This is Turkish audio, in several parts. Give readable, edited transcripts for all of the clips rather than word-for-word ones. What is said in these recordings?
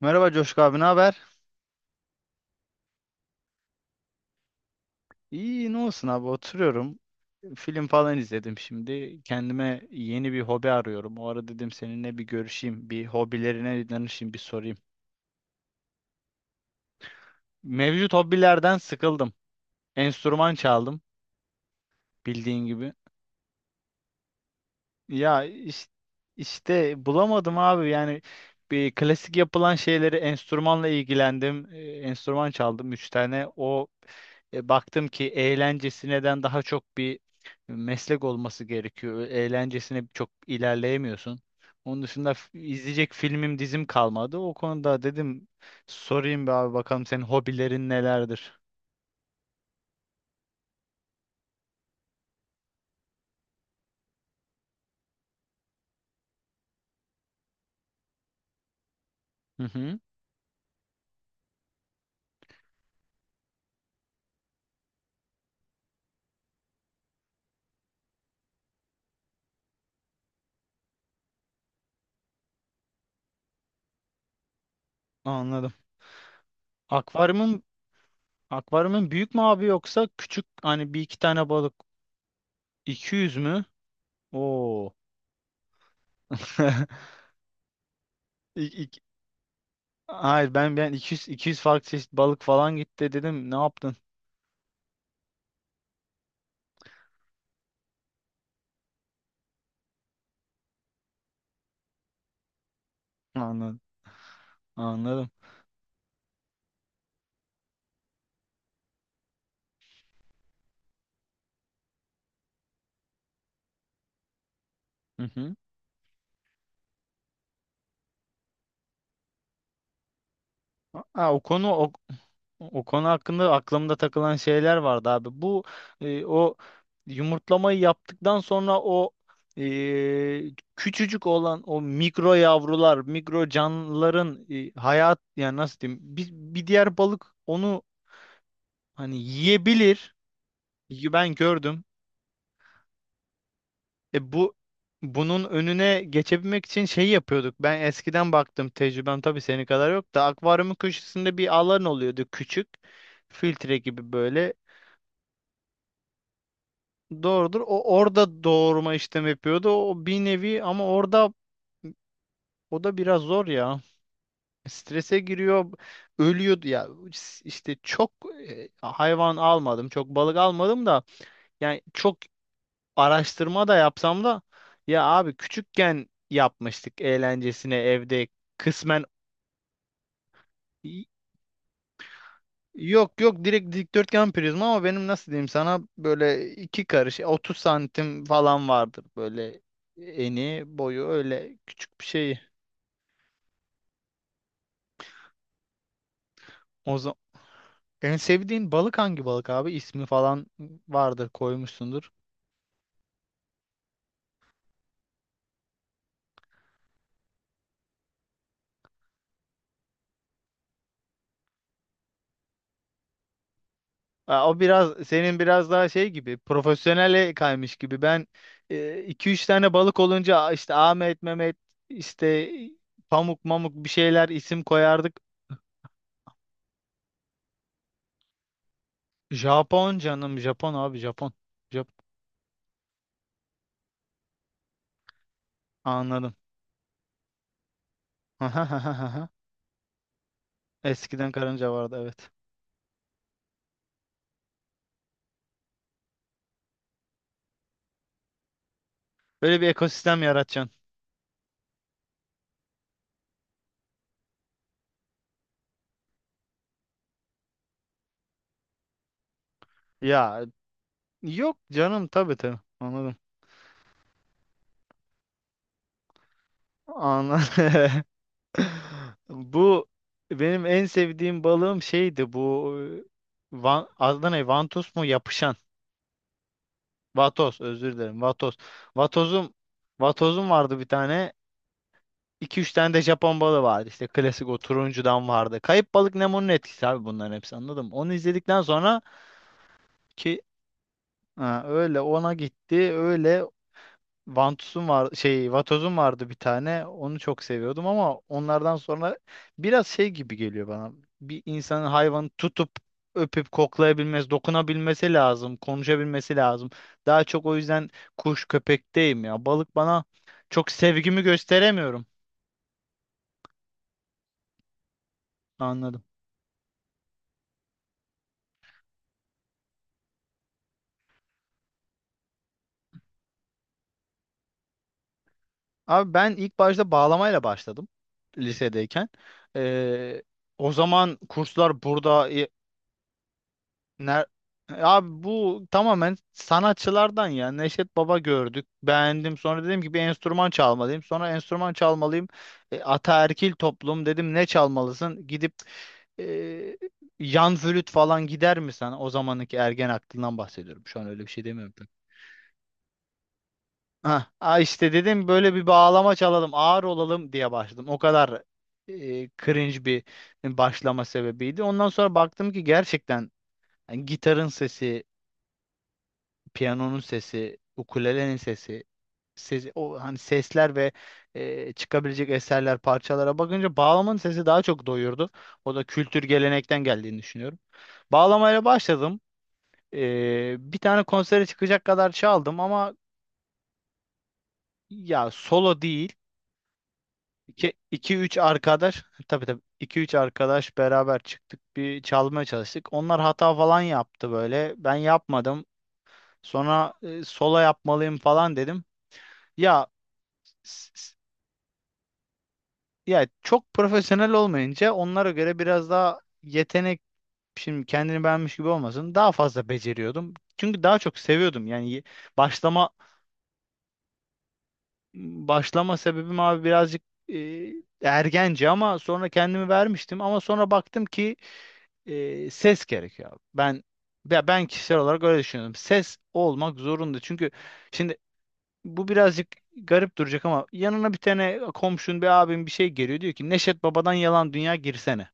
Merhaba Coşku abi, ne haber? İyi, ne olsun abi, oturuyorum. Film falan izledim şimdi. Kendime yeni bir hobi arıyorum. O ara dedim seninle bir görüşeyim, bir hobilerine danışayım, bir sorayım. Mevcut hobilerden sıkıldım. Enstrüman çaldım, bildiğin gibi. Ya işte, bulamadım abi yani bir klasik yapılan şeyleri enstrümanla ilgilendim. Enstrüman çaldım 3 tane. Baktım ki eğlencesineden daha çok bir meslek olması gerekiyor. Eğlencesine çok ilerleyemiyorsun. Onun dışında izleyecek filmim dizim kalmadı. O konuda dedim sorayım bir abi bakalım senin hobilerin nelerdir? Hı hı, anladım. Akvaryumun akvaryumun büyük mü abi yoksa küçük hani bir iki tane balık 200 mü? Oo. İk- ik- Hayır ben 200 200 farklı çeşit balık falan gitti dedim. Ne yaptın? Anladım. Anladım. Hı hı. Ha, o konu hakkında aklımda takılan şeyler vardı abi. Bu o yumurtlamayı yaptıktan sonra o küçücük olan o mikro yavrular, mikro canlıların hayat yani nasıl diyeyim? Bir diğer balık onu hani yiyebilir. Ben gördüm. E bu bunun önüne geçebilmek için şey yapıyorduk. Ben eskiden baktım tecrübem tabii senin kadar yok da akvaryumun köşesinde bir alan oluyordu küçük. Filtre gibi böyle. Doğrudur. O orada doğurma işlemi yapıyordu. O bir nevi ama orada o da biraz zor ya. Strese giriyor, ölüyordu ya. İşte çok hayvan almadım, çok balık almadım da yani çok araştırma da yapsam da ya abi küçükken yapmıştık eğlencesine evde kısmen. Y- Yok yok, direkt dikdörtgen prizma ama benim nasıl diyeyim sana böyle iki karış 30 santim falan vardır böyle eni boyu öyle küçük bir şey. O zaman en sevdiğin balık hangi balık abi? İsmi falan vardır koymuşsundur. Aa, o biraz senin biraz daha şey gibi profesyonele kaymış gibi. Ben iki üç tane balık olunca "Aa, işte Ahmet, Mehmet, işte Pamuk, Mamuk" bir şeyler isim koyardık. Japon canım Japon abi Japon. Jap anladım. Eskiden karınca vardı evet. Böyle bir ekosistem yaratacaksın. Ya yok canım, tabii tabii anladım. Anladım. Bu benim en sevdiğim balığım şeydi, bu Van, adı ne? Vantus mu? Yapışan. Vatos, özür dilerim. Vatos. Vatozum Vatozum vardı bir tane. İki üç tane de Japon balığı vardı. İşte klasik o turuncudan vardı. Kayıp Balık Nemo'nun etkisi abi, bunların hepsi, anladım. Onu izledikten sonra ki ha, öyle ona gitti. Öyle Vantus'un var şey Vatoz'un vardı bir tane. Onu çok seviyordum ama onlardan sonra biraz şey gibi geliyor bana. Bir insanın hayvanı tutup öpüp koklayabilmesi, dokunabilmesi lazım, konuşabilmesi lazım. Daha çok o yüzden kuş köpekteyim ya. Balık bana, çok sevgimi gösteremiyorum. Anladım. Abi ben ilk başta bağlamayla başladım lisedeyken. Ee, O zaman kurslar burada. Ner Abi bu tamamen sanatçılardan ya. Neşet Baba gördük. Beğendim. Sonra dedim ki bir enstrüman çalmalıyım. Sonra enstrüman çalmalıyım. Ataerkil toplum, dedim ne çalmalısın? Gidip e, yan flüt falan gider mi sen? O zamanki ergen aklından bahsediyorum. Şu an öyle bir şey demiyorum tabii. Ha, ha işte dedim böyle bir bağlama çalalım, ağır olalım diye başladım. O kadar cringe bir başlama sebebiydi. Ondan sonra baktım ki gerçekten yani gitarın sesi, piyanonun sesi, ukulelenin sesi, sesi o hani sesler ve çıkabilecek eserler, parçalara bakınca bağlamanın sesi daha çok doyurdu. O da kültür gelenekten geldiğini düşünüyorum. Bağlamayla başladım. Bir tane konsere çıkacak kadar çaldım ama ya solo değil. İki üç arkadaş tabii tabii, iki üç arkadaş beraber çıktık, bir çalmaya çalıştık. Onlar hata falan yaptı böyle. Ben yapmadım. Sonra solo yapmalıyım falan dedim. Ya Ya çok profesyonel olmayınca onlara göre biraz daha yetenek, şimdi kendini beğenmiş gibi olmasın, daha fazla beceriyordum. Çünkü daha çok seviyordum. Yani başlama başlama sebebim abi birazcık e, ergence ama sonra kendimi vermiştim, ama sonra baktım ki ses gerekiyor, abi. Ben kişisel olarak öyle düşünüyorum. Ses olmak zorunda. Çünkü şimdi bu birazcık garip duracak ama yanına bir tane komşun, bir abim bir şey, geliyor diyor ki Neşet Baba'dan yalan dünya girsene.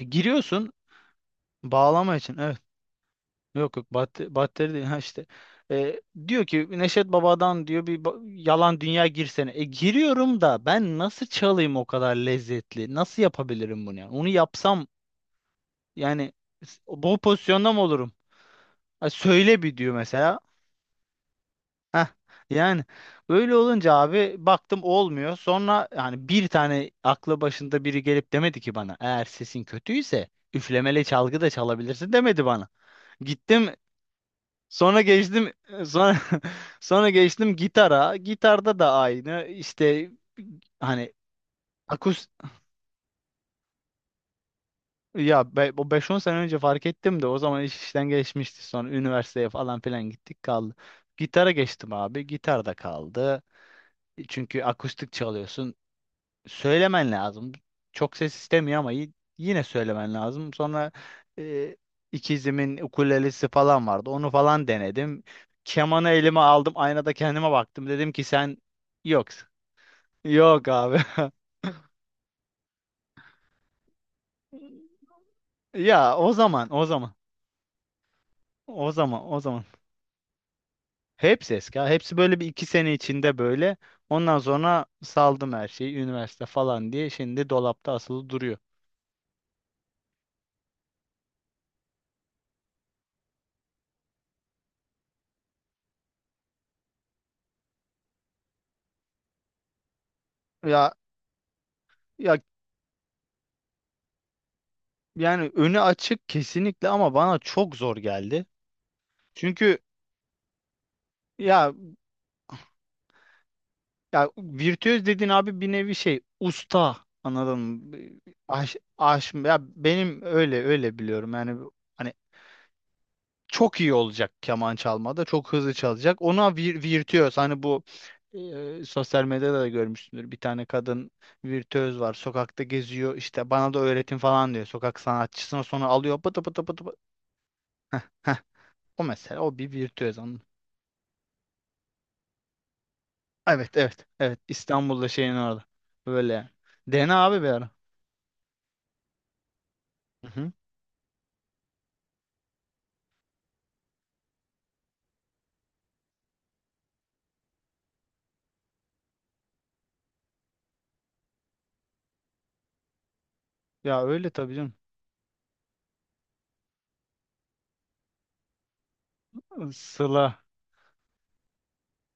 Giriyorsun bağlama için. Evet. Yok yok, batteri, batteri değil. Ha işte. E, Diyor ki Neşet Baba'dan, diyor, bir yalan dünya girsene. E giriyorum da ben nasıl çalayım o kadar lezzetli? Nasıl yapabilirim bunu yani? Onu yapsam yani bu pozisyonda mı olurum? Ha, söyle bir diyor mesela. Heh. Yani öyle olunca abi baktım olmuyor. Sonra yani bir tane aklı başında biri gelip demedi ki bana eğer sesin kötüyse üflemeli çalgı da çalabilirsin, demedi bana. Gittim Sonra geçtim, sonra sonra geçtim gitara. Gitarda da aynı. İşte hani akus ya be, o 5-10 sene önce fark ettim de o zaman iş işten geçmişti. Sonra üniversiteye falan filan gittik, kaldı. Gitara geçtim abi. Gitar da kaldı. Çünkü akustik çalıyorsun, söylemen lazım. Çok ses istemiyor ama yine söylemen lazım. Sonra e, ikizimin ukulelesi falan vardı. Onu falan denedim. Kemanı elime aldım. Aynada kendime baktım. Dedim ki sen yoksun. Yok abi. Ya o zaman, o zaman, o zaman, o zaman. Hepsi eski. Ha. Hepsi böyle bir iki sene içinde böyle. Ondan sonra saldım her şeyi. Üniversite falan diye. Şimdi dolapta asılı duruyor. Ya ya Yani önü açık kesinlikle ama bana çok zor geldi. Çünkü ya virtüöz dediğin abi bir nevi şey, usta, anladın mı? Ya benim öyle öyle biliyorum. Yani hani çok iyi olacak keman çalmada, çok hızlı çalacak. Ona virtüöz hani, bu sosyal medyada da görmüşsündür. Bir tane kadın virtüöz var. Sokakta geziyor. İşte bana da öğretin falan diyor. Sokak sanatçısına sonra alıyor. Pıtı pıtı pıtı pıtı. Heh, heh. O mesela, o bir virtüöz. Evet evet evet, İstanbul'da, şeyin orada. Böyle. Dene abi bir ara. Hı hı. Ya öyle tabii canım. Sıla.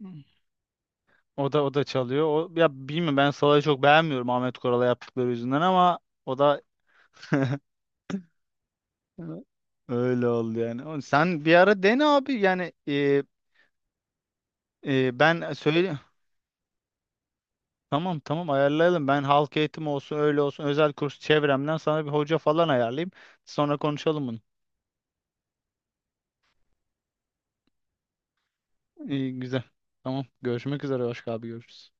Hı. O da çalıyor. O, ya bilmiyorum, ben Sıla'yı çok beğenmiyorum Ahmet Koral'a yaptıkları yüzünden ama o da, Hı, öyle oldu yani. Sen bir ara dene abi yani ben söyle, tamam tamam ayarlayalım. Ben halk eğitim olsun, öyle olsun özel kurs, çevremden sana bir hoca falan ayarlayayım. Sonra konuşalım bunu. İyi güzel. Tamam görüşmek üzere, başka abi görüşürüz.